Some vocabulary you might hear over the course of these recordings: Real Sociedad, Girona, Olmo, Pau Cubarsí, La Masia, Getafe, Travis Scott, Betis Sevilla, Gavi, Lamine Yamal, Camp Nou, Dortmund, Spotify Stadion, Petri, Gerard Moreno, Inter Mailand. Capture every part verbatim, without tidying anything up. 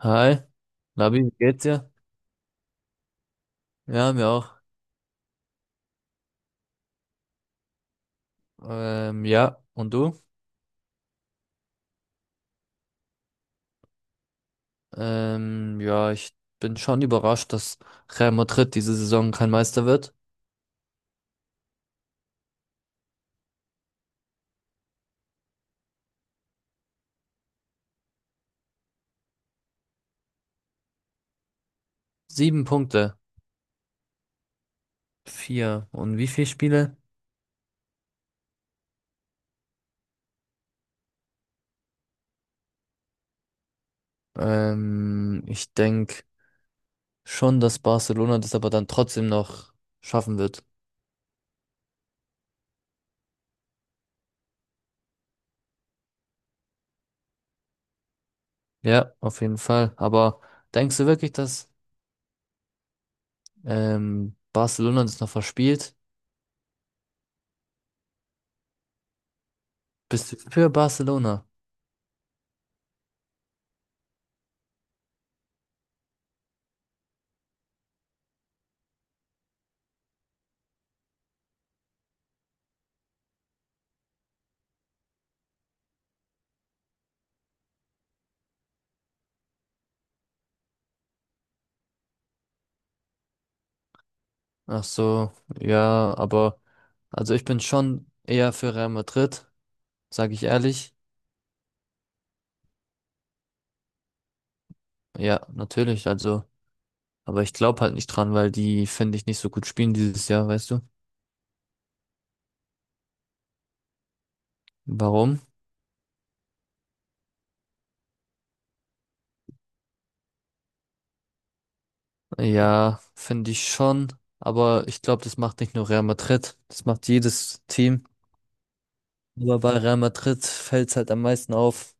Hi, Labi, wie geht's dir? Ja, mir auch. Ähm, ja, und du? Ähm, ja, ich bin schon überrascht, dass Real Madrid diese Saison kein Meister wird. Sieben Punkte. Vier. Und wie viele Spiele? Ähm, ich denke schon, dass Barcelona das aber dann trotzdem noch schaffen wird. Ja, auf jeden Fall. Aber denkst du wirklich, dass ähm, Barcelona das noch verspielt? Bist du für Barcelona? Ach so, ja, aber also ich bin schon eher für Real Madrid, sage ich ehrlich. Ja, natürlich, also, aber ich glaube halt nicht dran, weil die finde ich nicht so gut spielen dieses Jahr, weißt du? Warum? Ja, finde ich schon, aber ich glaube, das macht nicht nur Real Madrid, das macht jedes Team. Aber bei Real Madrid fällt's halt am meisten auf.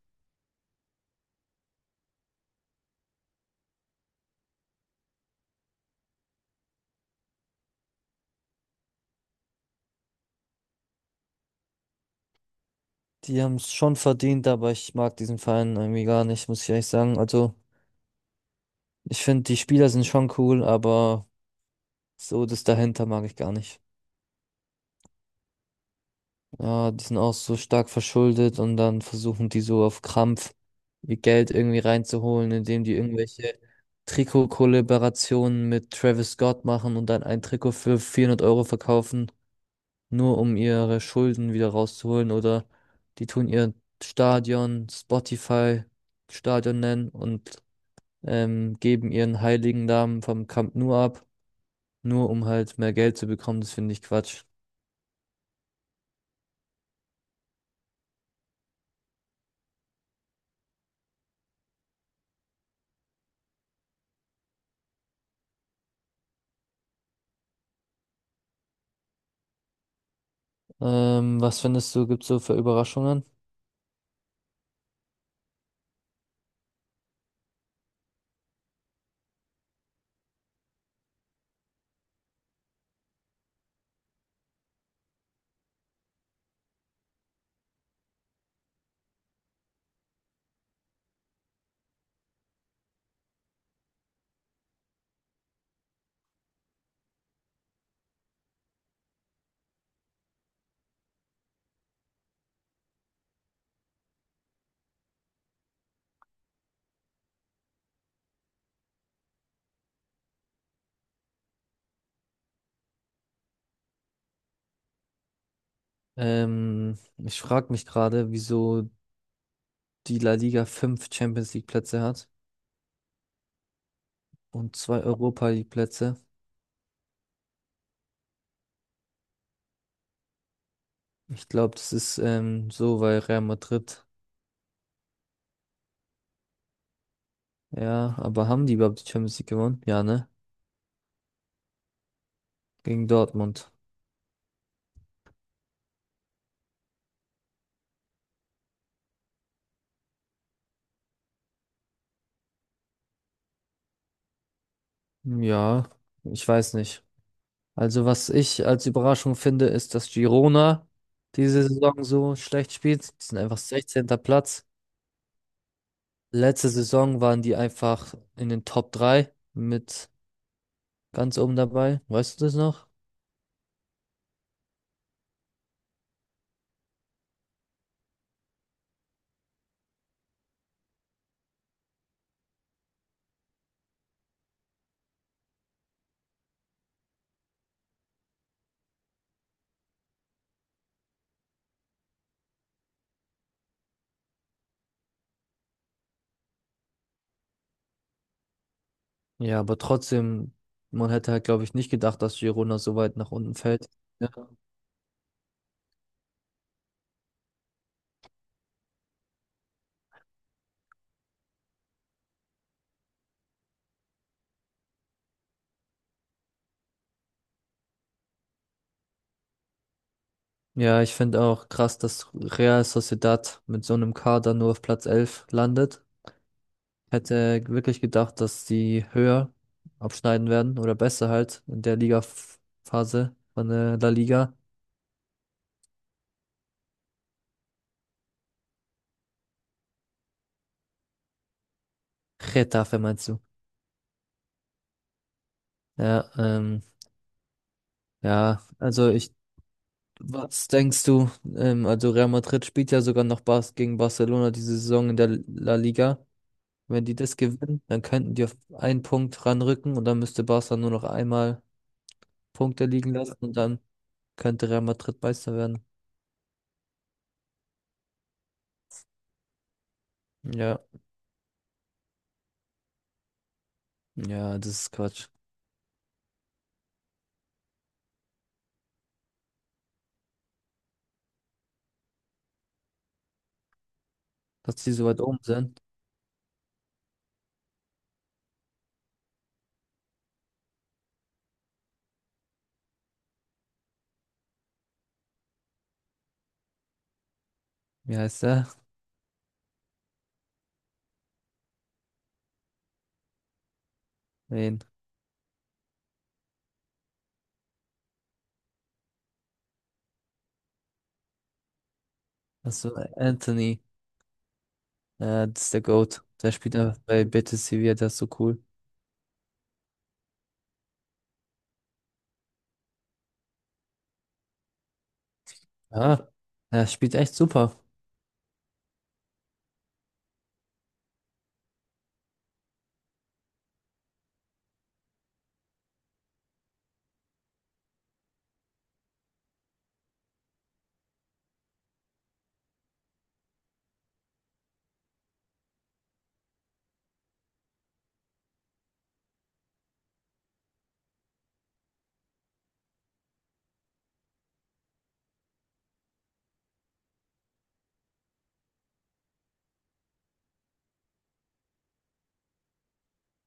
Die haben's schon verdient, aber ich mag diesen Verein irgendwie gar nicht, muss ich ehrlich sagen. Also, ich finde, die Spieler sind schon cool, aber so das dahinter mag ich gar nicht. Ja, die sind auch so stark verschuldet und dann versuchen die so auf Krampf ihr Geld irgendwie reinzuholen, indem die irgendwelche Trikot-Kollaborationen mit Travis Scott machen und dann ein Trikot für vierhundert Euro verkaufen, nur um ihre Schulden wieder rauszuholen oder die tun ihr Stadion Spotify Stadion nennen und ähm, geben ihren heiligen Namen vom Camp Nou ab, nur um halt mehr Geld zu bekommen. Das finde ich Quatsch. Ähm, was findest du, gibt's so für Überraschungen? Ähm, ich frage mich gerade, wieso die La Liga fünf Champions League Plätze hat und zwei Europa League Plätze. Ich glaube, das ist ähm, so, weil Real Madrid. Ja, aber haben die überhaupt die Champions League gewonnen? Ja, ne? Gegen Dortmund. Ja, ich weiß nicht. Also, was ich als Überraschung finde, ist, dass Girona diese Saison so schlecht spielt. Die sind einfach sechzehnter Platz. Letzte Saison waren die einfach in den Top drei mit ganz oben dabei. Weißt du das noch? Ja, aber trotzdem, man hätte halt, glaube ich, nicht gedacht, dass Girona so weit nach unten fällt. Ja, Ja, ich finde auch krass, dass Real Sociedad mit so einem Kader nur auf Platz elf landet. Hätte wirklich gedacht, dass die höher abschneiden werden oder besser halt in der Liga-Phase von der La Liga. Getafe meinst du? Ja, ähm, ja, also ich, was denkst du? Ähm, also Real Madrid spielt ja sogar noch Bas gegen Barcelona diese Saison in der La Liga. Wenn die das gewinnen, dann könnten die auf einen Punkt ranrücken und dann müsste Barca nur noch einmal Punkte liegen lassen und dann könnte Real Madrid Meister werden. Ja, ja, das ist Quatsch. Dass die so weit oben sind. Wie heißt der? Wen? Achso, Anthony. Ja, das ist der GOAT. Der spielt ja bei Betis Sevilla, der ist so cool. Ja, er spielt echt super.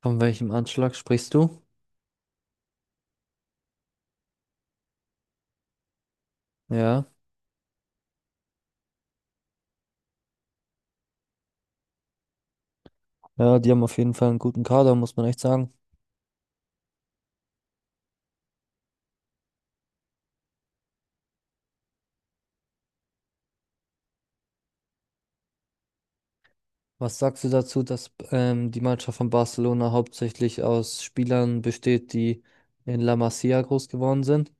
Von welchem Anschlag sprichst du? Ja. Ja, die haben auf jeden Fall einen guten Kader, muss man echt sagen. Was sagst du dazu, dass ähm, die Mannschaft von Barcelona hauptsächlich aus Spielern besteht, die in La Masia groß geworden sind?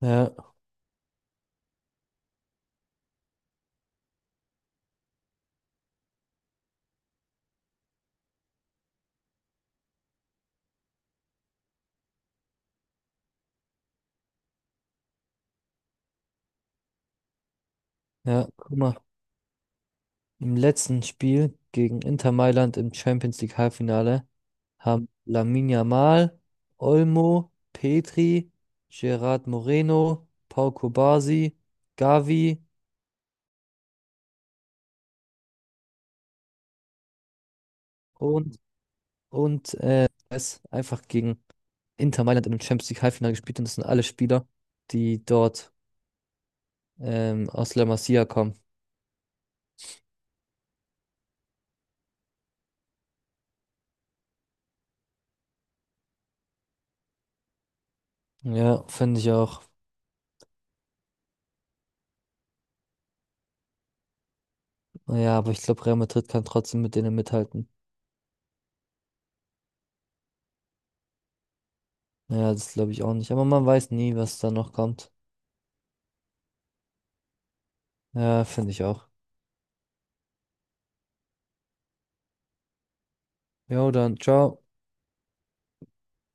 Ja, ja, guck mal. Im letzten Spiel gegen Inter Mailand im Champions League Halbfinale haben Lamine Yamal, Olmo, Petri, Gerard Moreno, Pau Cubarsí, Gavi und, und äh, es einfach gegen Inter Mailand im Champions League Halbfinale gespielt und das sind alle Spieler, die dort Ähm, aus La Masia kommen. Ja, finde ich auch. Ja, aber ich glaube, Real Madrid kann trotzdem mit denen mithalten. Ja, das glaube ich auch nicht. Aber man weiß nie, was da noch kommt. Ja, finde ich auch. Jo, dann, ciao.